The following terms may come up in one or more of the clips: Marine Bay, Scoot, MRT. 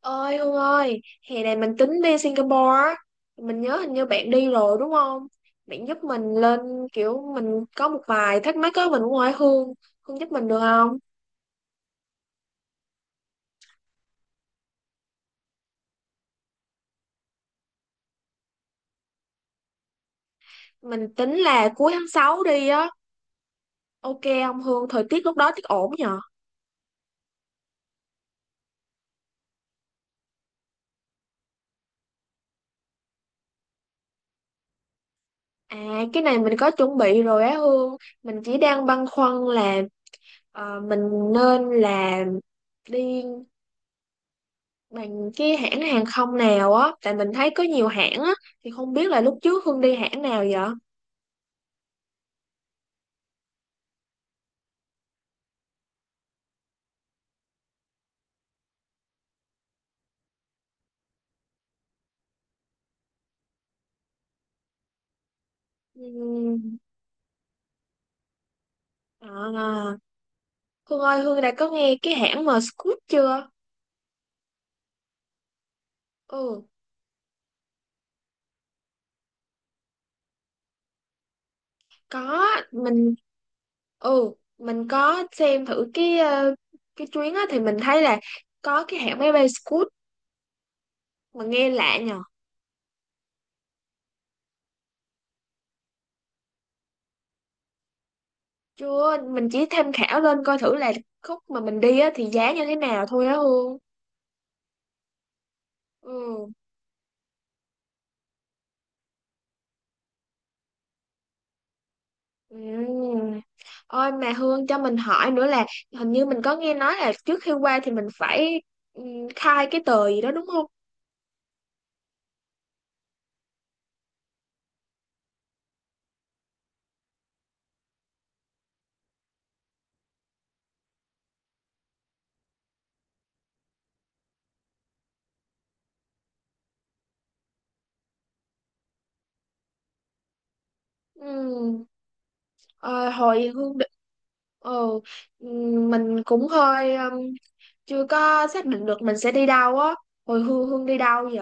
Ơi Hương ơi, hè này mình tính đi Singapore á. Mình nhớ hình như bạn đi rồi đúng không? Bạn giúp mình lên, kiểu mình có một vài thắc mắc á, mình cũng hỏi Hương. Hương giúp mình được không? Mình tính là cuối tháng 6 đi á. Ok, không Hương thời tiết lúc đó tiết ổn nhờ? À, cái này mình có chuẩn bị rồi á Hương. Mình chỉ đang băn khoăn là mình nên là đi bằng cái hãng hàng không nào á, tại mình thấy có nhiều hãng á. Thì không biết là lúc trước Hương đi hãng nào vậy? Ừm. À, Hương ơi, Hương đã có nghe cái hãng mà Scoot chưa? Ừ, có, mình mình có xem thử cái cái chuyến á, thì mình thấy là có cái hãng máy bay Scoot mà nghe lạ nhờ. Chưa, mình chỉ tham khảo lên coi thử là khúc mà mình đi á thì giá như thế nào thôi á Hương. Ừ. Ừm. Ôi mà Hương cho mình hỏi nữa là hình như mình có nghe nói là trước khi qua thì mình phải ừm, khai cái tờ gì đó đúng không? Ừ. Ờ, hồi Hương định, ừ, mình cũng hơi chưa có xác định được mình sẽ đi đâu á. Hồi Hương Hương đi đâu vậy?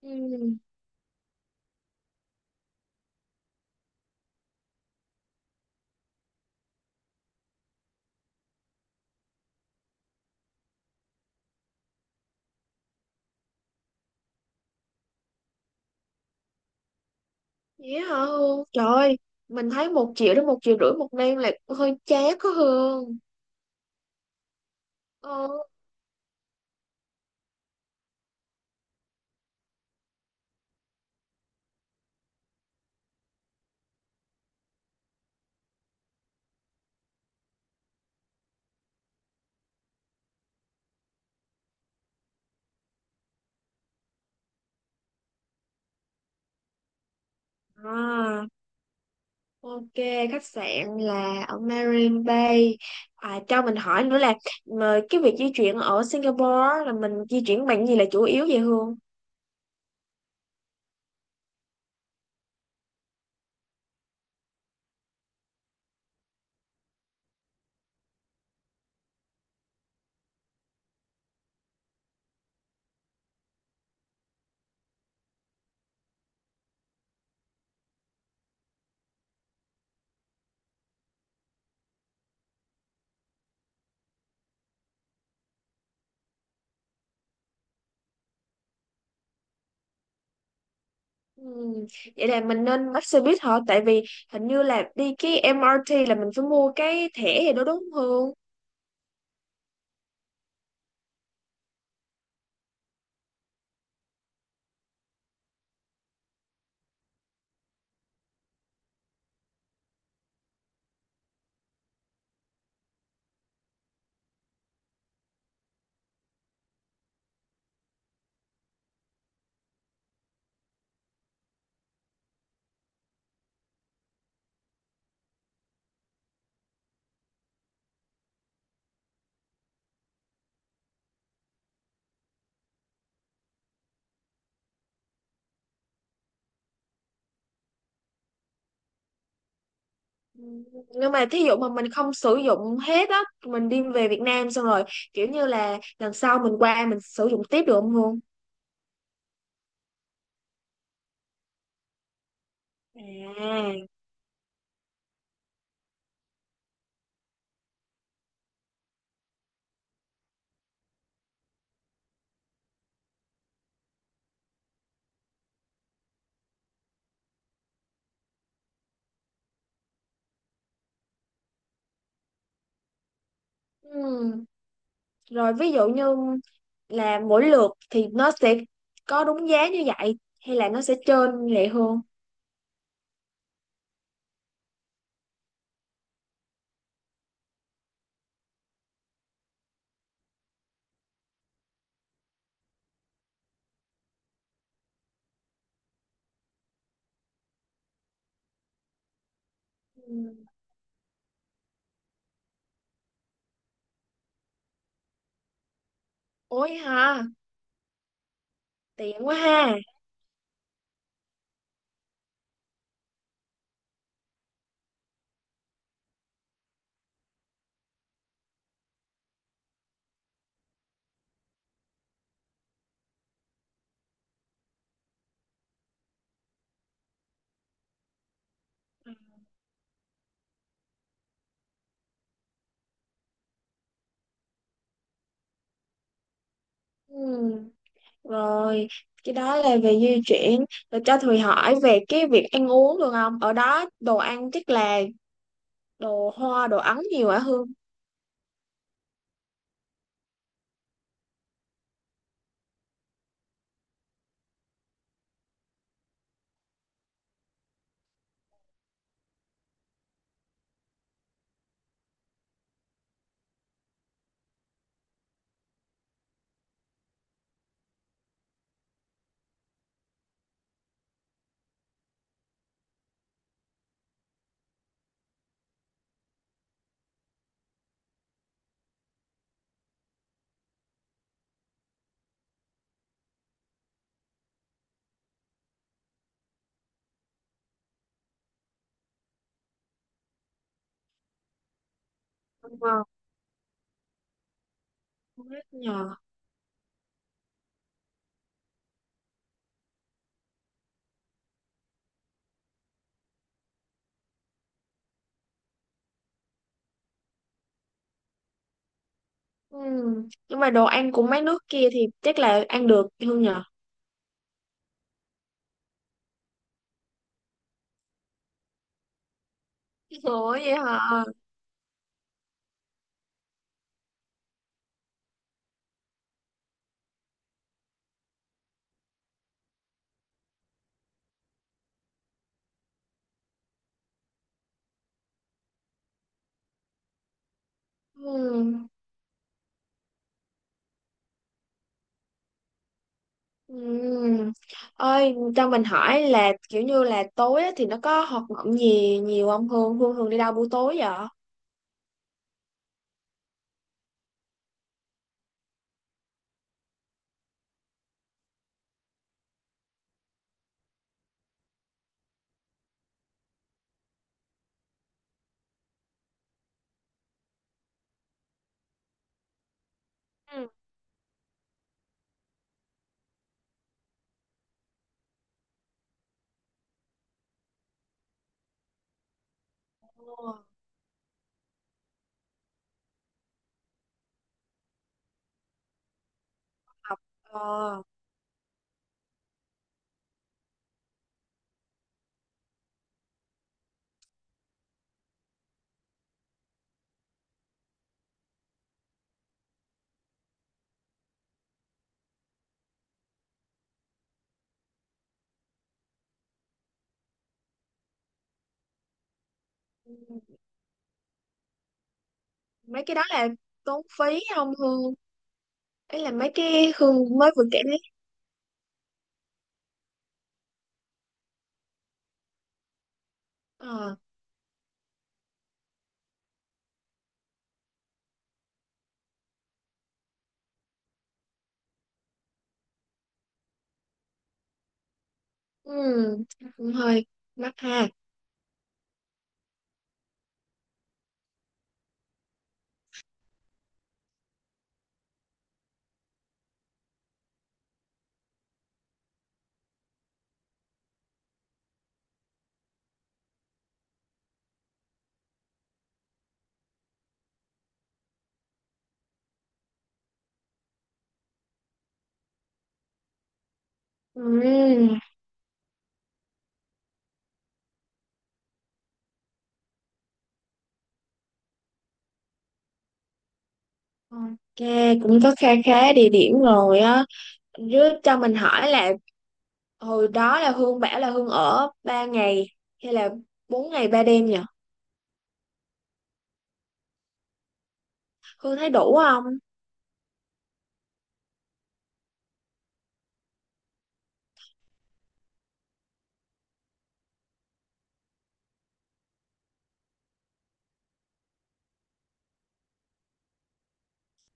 Ừ, vậy hả Hương, trời ơi. Mình thấy một triệu đến một triệu rưỡi một đêm là hơi chát có Hương. Ừ. À, ok, khách sạn là ở Marine Bay. À, cho mình hỏi nữa là mà cái việc di chuyển ở Singapore á, là mình di chuyển bằng gì là chủ yếu vậy Hương? Ừm. Vậy là mình nên bắt xe buýt hả? Tại vì hình như là đi cái MRT là mình phải mua cái thẻ gì đó đúng không Hương? Ừm. Nhưng mà thí dụ mà mình không sử dụng hết á, mình đi về Việt Nam xong rồi, kiểu như là lần sau mình qua mình sử dụng tiếp được không Hương? À. Ừm. Rồi ví dụ như là mỗi lượt thì nó sẽ có đúng giá như vậy hay là nó sẽ trên lệ Hương? Ừm. Ôi ha, tiện quá ha. Ừ. Rồi, cái đó là về di chuyển. Rồi cho Thùy hỏi về cái việc ăn uống được không? Ở đó đồ ăn chắc là đồ hoa, đồ Ấn nhiều hả Hương? Đúng không? Không biết nhờ. Ừ. Nhưng mà đồ ăn của mấy nước kia thì chắc là ăn được Hương nhờ. Ủa vậy hả? Ừ. Ừ. Ơi, cho mình hỏi là kiểu như là tối á thì nó có hoạt động gì nhiều không Hương? Hương thường đi đâu buổi tối vậy? Ừ. Ờ. Ờ. Ừ. Mấy cái đó là tốn phí không Hương? Ấy là mấy cái Hương mới vừa kể đấy. Ờ. Ừ, cũng hơi mắc ha. Ừ. Ok, cũng có kha khá địa điểm rồi á. Chứ cho mình hỏi là hồi đó là Hương bảo là Hương ở ba ngày hay là bốn ngày ba đêm nhỉ? Hương thấy đủ không?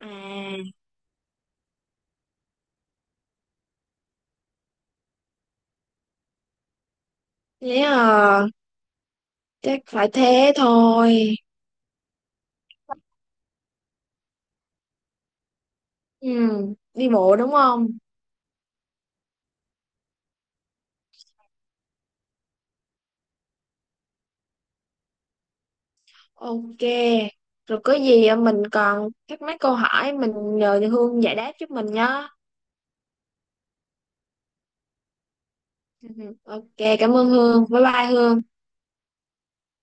À, thế à, chắc phải thế thôi. Ừ, đi bộ đúng không? Ok, rồi có gì mình còn thắc mắc câu hỏi mình nhờ Hương giải đáp giúp mình nhá. Ừ, ừ. Ok, cảm ơn Hương. Bye bye Hương.